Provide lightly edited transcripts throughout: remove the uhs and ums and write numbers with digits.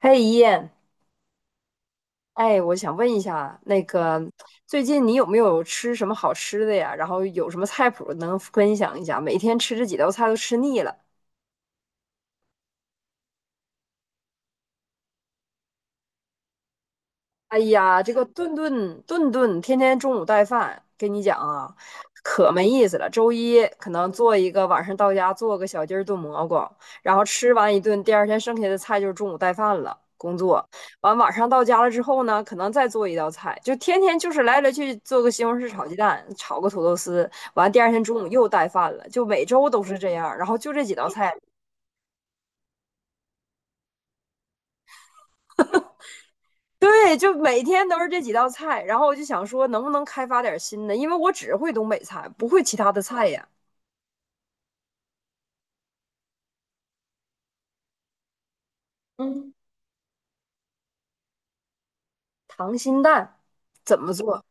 嘿，一燕，哎，我想问一下，那个最近你有没有吃什么好吃的呀？然后有什么菜谱能分享一下？每天吃这几道菜都吃腻了。哎呀，这个顿顿天天中午带饭，跟你讲啊，可没意思了。周一可能做一个，晚上到家做个小鸡儿炖蘑菇，然后吃完一顿，第二天剩下的菜就是中午带饭了。工作完，晚上到家了之后呢，可能再做一道菜，就天天就是来去做个西红柿炒鸡蛋，炒个土豆丝，完第二天中午又带饭了，就每周都是这样，然后就这几道菜，对，就每天都是这几道菜，然后我就想说，能不能开发点新的？因为我只会东北菜，不会其他的菜呀。嗯，溏心蛋怎么做？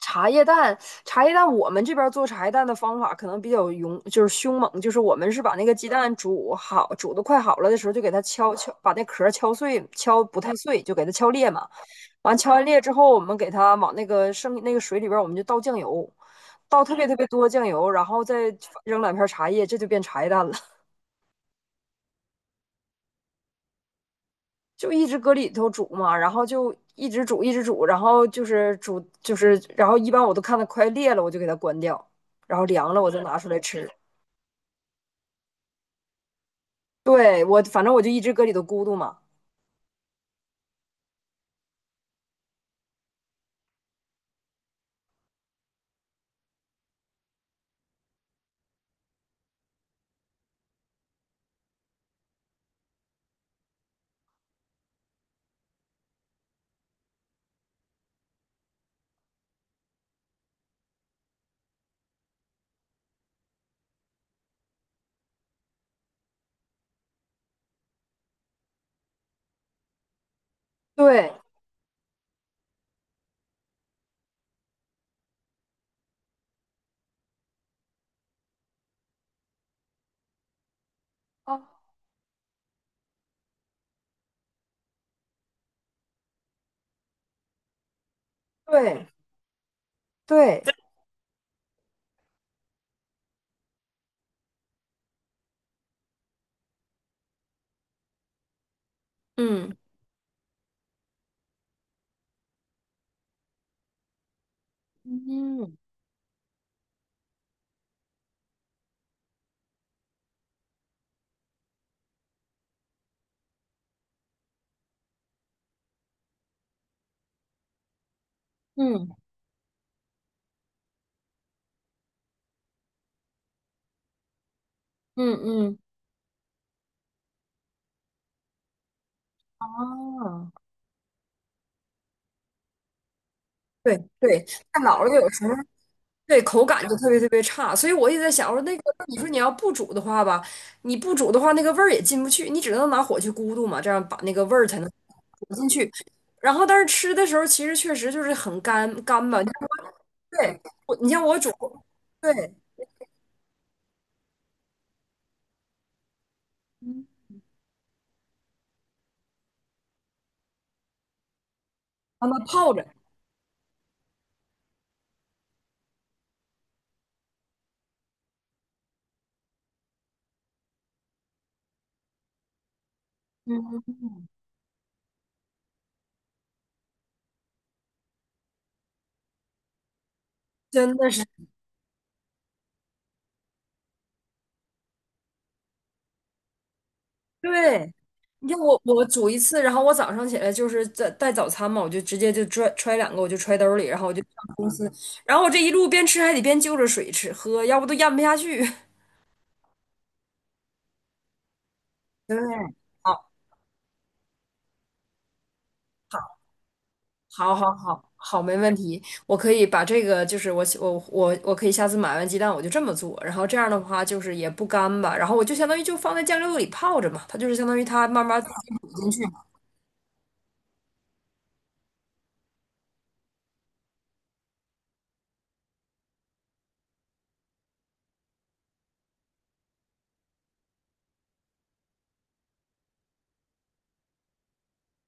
茶叶蛋，茶叶蛋，我们这边做茶叶蛋的方法可能比较勇，就是凶猛，就是我们是把那个鸡蛋煮好，煮的快好了的时候，就给它敲敲，把那壳敲碎，敲不太碎，就给它敲裂嘛。完敲完裂之后，我们给它往那个剩那个水里边我们就倒酱油，倒特别特别多酱油，然后再扔两片茶叶，这就变茶叶蛋了。就一直搁里头煮嘛，然后就一直煮一直煮，然后就是煮就是，然后一般我都看它快裂了，我就给它关掉，然后凉了我再拿出来吃。对，我反正我就一直搁里头咕嘟嘛。对啊，对对，嗯嗯嗯嗯嗯，啊，对对，太老了，有时候对，口感就特别特别差，所以我也在想，我说那个，你说你要不煮的话吧，你不煮的话，那个味儿也进不去，你只能拿火去咕嘟嘛，这样把那个味儿才能煮进去。然后，但是吃的时候其实确实就是很干干吧，对，你像我煮，对，让它泡着，嗯，真的是对。你像我煮一次，然后我早上起来就是在带早餐嘛，我就直接就揣两个，我就揣兜里，然后我就上公司，然后我这一路边吃还得边就着水吃喝，要不都咽不下去。对，好，好，好，没问题。我可以把这个，就是我起我我我可以下次买完鸡蛋我就这么做，然后这样的话就是也不干巴，然后我就相当于就放在酱料里泡着嘛，它就是相当于它慢慢，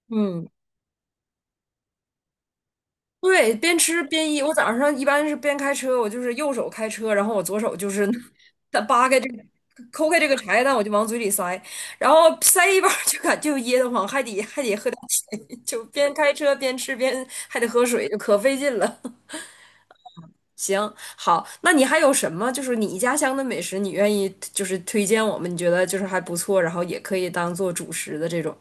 嗯，对，边吃边一，我早上一般是边开车，我就是右手开车，然后我左手就是 它扒开这个。抠开这个茶叶蛋，我就往嘴里塞，然后塞一半儿就感就噎得慌，还得喝点水，就边开车边吃边还得喝水，就可费劲了。行，好，那你还有什么就是你家乡的美食，你愿意就是推荐我们，你觉得就是还不错，然后也可以当做主食的这种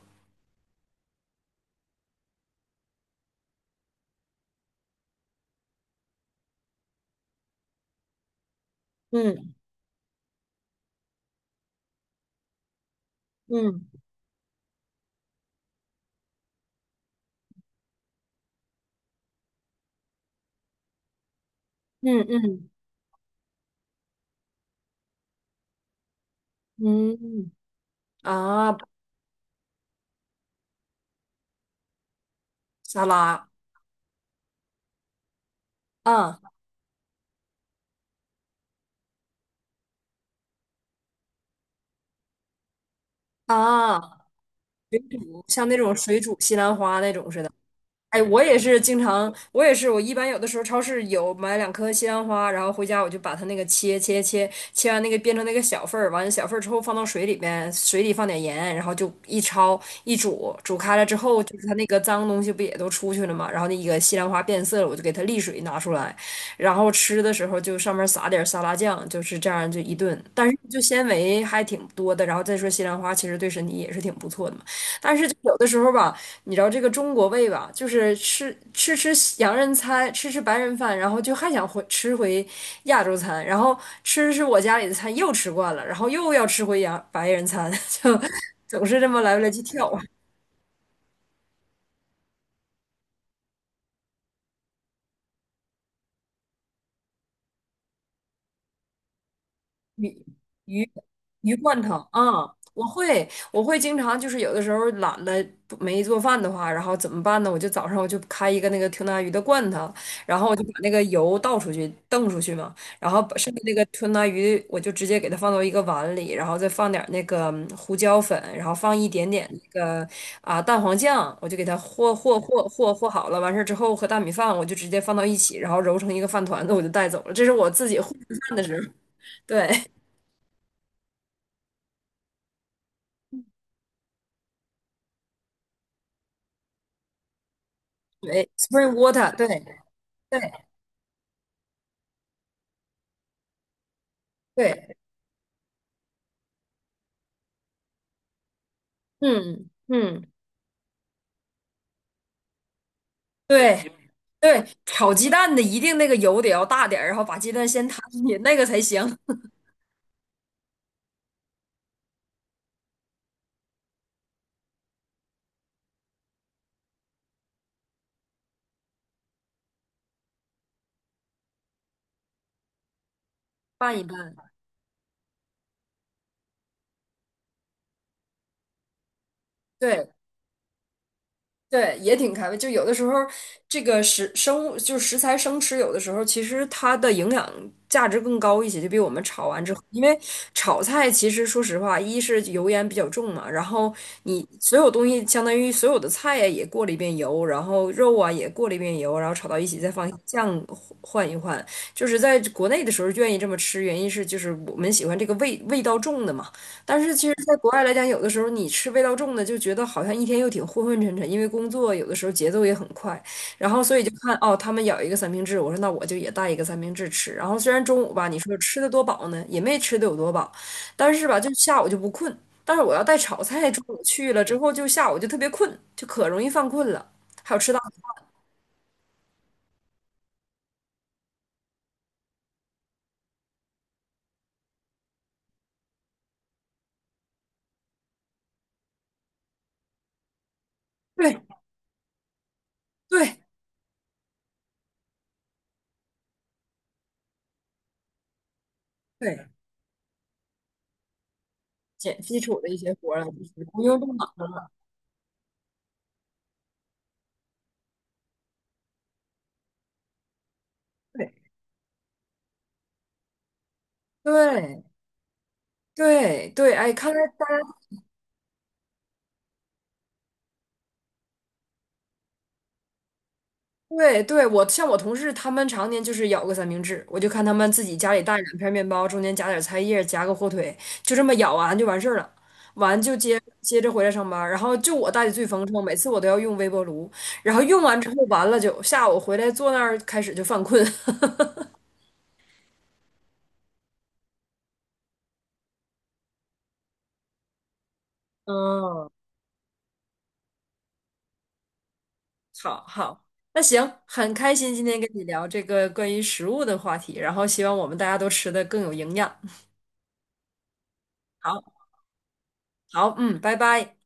嗯嗯嗯嗯嗯，啊，沙拉啊啊，像那种水煮西兰花那种似的。哎，我也是经常，我也是，我一般有的时候超市有买两颗西兰花，然后回家我就把它那个切，切完那个变成那个小份儿，完了小份儿之后放到水里边，水里放点盐，然后就一焯一煮，煮开了之后，就是它那个脏东西不也都出去了嘛，然后那个西兰花变色了，我就给它沥水拿出来，然后吃的时候就上面撒点沙拉酱，就是这样就一顿，但是就纤维还挺多的，然后再说西兰花其实对身体也是挺不错的嘛。但是就有的时候吧，你知道这个中国胃吧，就是吃洋人餐，吃吃白人饭，然后就还想回吃回亚洲餐，然后吃吃我家里的餐又吃惯了，然后又要吃回洋白人餐，就总是这么来来去跳，鱼鱼罐头，啊，我会，我会经常就是有的时候懒得不没做饭的话，然后怎么办呢？我就早上我就开一个那个吞拿鱼的罐头，然后我就把那个油倒出去，瞪出去嘛，然后把剩下那个吞拿鱼我就直接给它放到一个碗里，然后再放点儿那个嗯胡椒粉，然后放一点点那个啊蛋黄酱，我就给它和好了。完事儿之后和大米饭我就直接放到一起，然后揉成一个饭团子，我就带走了。这是我自己混饭的时候，对。对，spring water，对，对对嗯嗯，对对，炒鸡蛋的一定那个油得要大点儿，然后把鸡蛋先摊进去，那个才行。拌一拌。对对，也挺开胃。就有的时候，这个食生物就是食材生吃，有的时候其实它的营养价值更高一些，就比我们炒完之后，因为炒菜其实说实话，一是油烟比较重嘛，然后你所有东西相当于所有的菜呀也过了一遍油，然后肉啊也过了一遍油，然后炒到一起再放酱换一换。就是在国内的时候愿意这么吃，原因是就是我们喜欢这个味道重的嘛。但是其实，在国外来讲，有的时候你吃味道重的，就觉得好像一天又挺昏昏沉沉，因为工作有的时候节奏也很快，然后所以就看哦，他们咬一个三明治，我说那我就也带一个三明治吃。然后虽然中午吧，你说吃的多饱呢，也没吃的有多饱，但是吧，就下午就不困。但是我要带炒菜，中午去了之后，就下午就特别困，就可容易犯困了。还有吃到，对对对，减基础的一些活儿啊，就是不用动脑，对对。对对，哎，看来对对，像我同事他们常年就是咬个三明治，我就看他们自己家里带两片面包，中间夹点菜叶，夹个火腿，就这么咬完就完事儿了，完就接着回来上班儿然后就我带的最丰盛，每次我都要用微波炉，然后用完之后完了就下午回来坐那儿开始就犯困。嗯，好好，那行，很开心今天跟你聊这个关于食物的话题，然后希望我们大家都吃的更有营养。好，好，嗯，拜拜。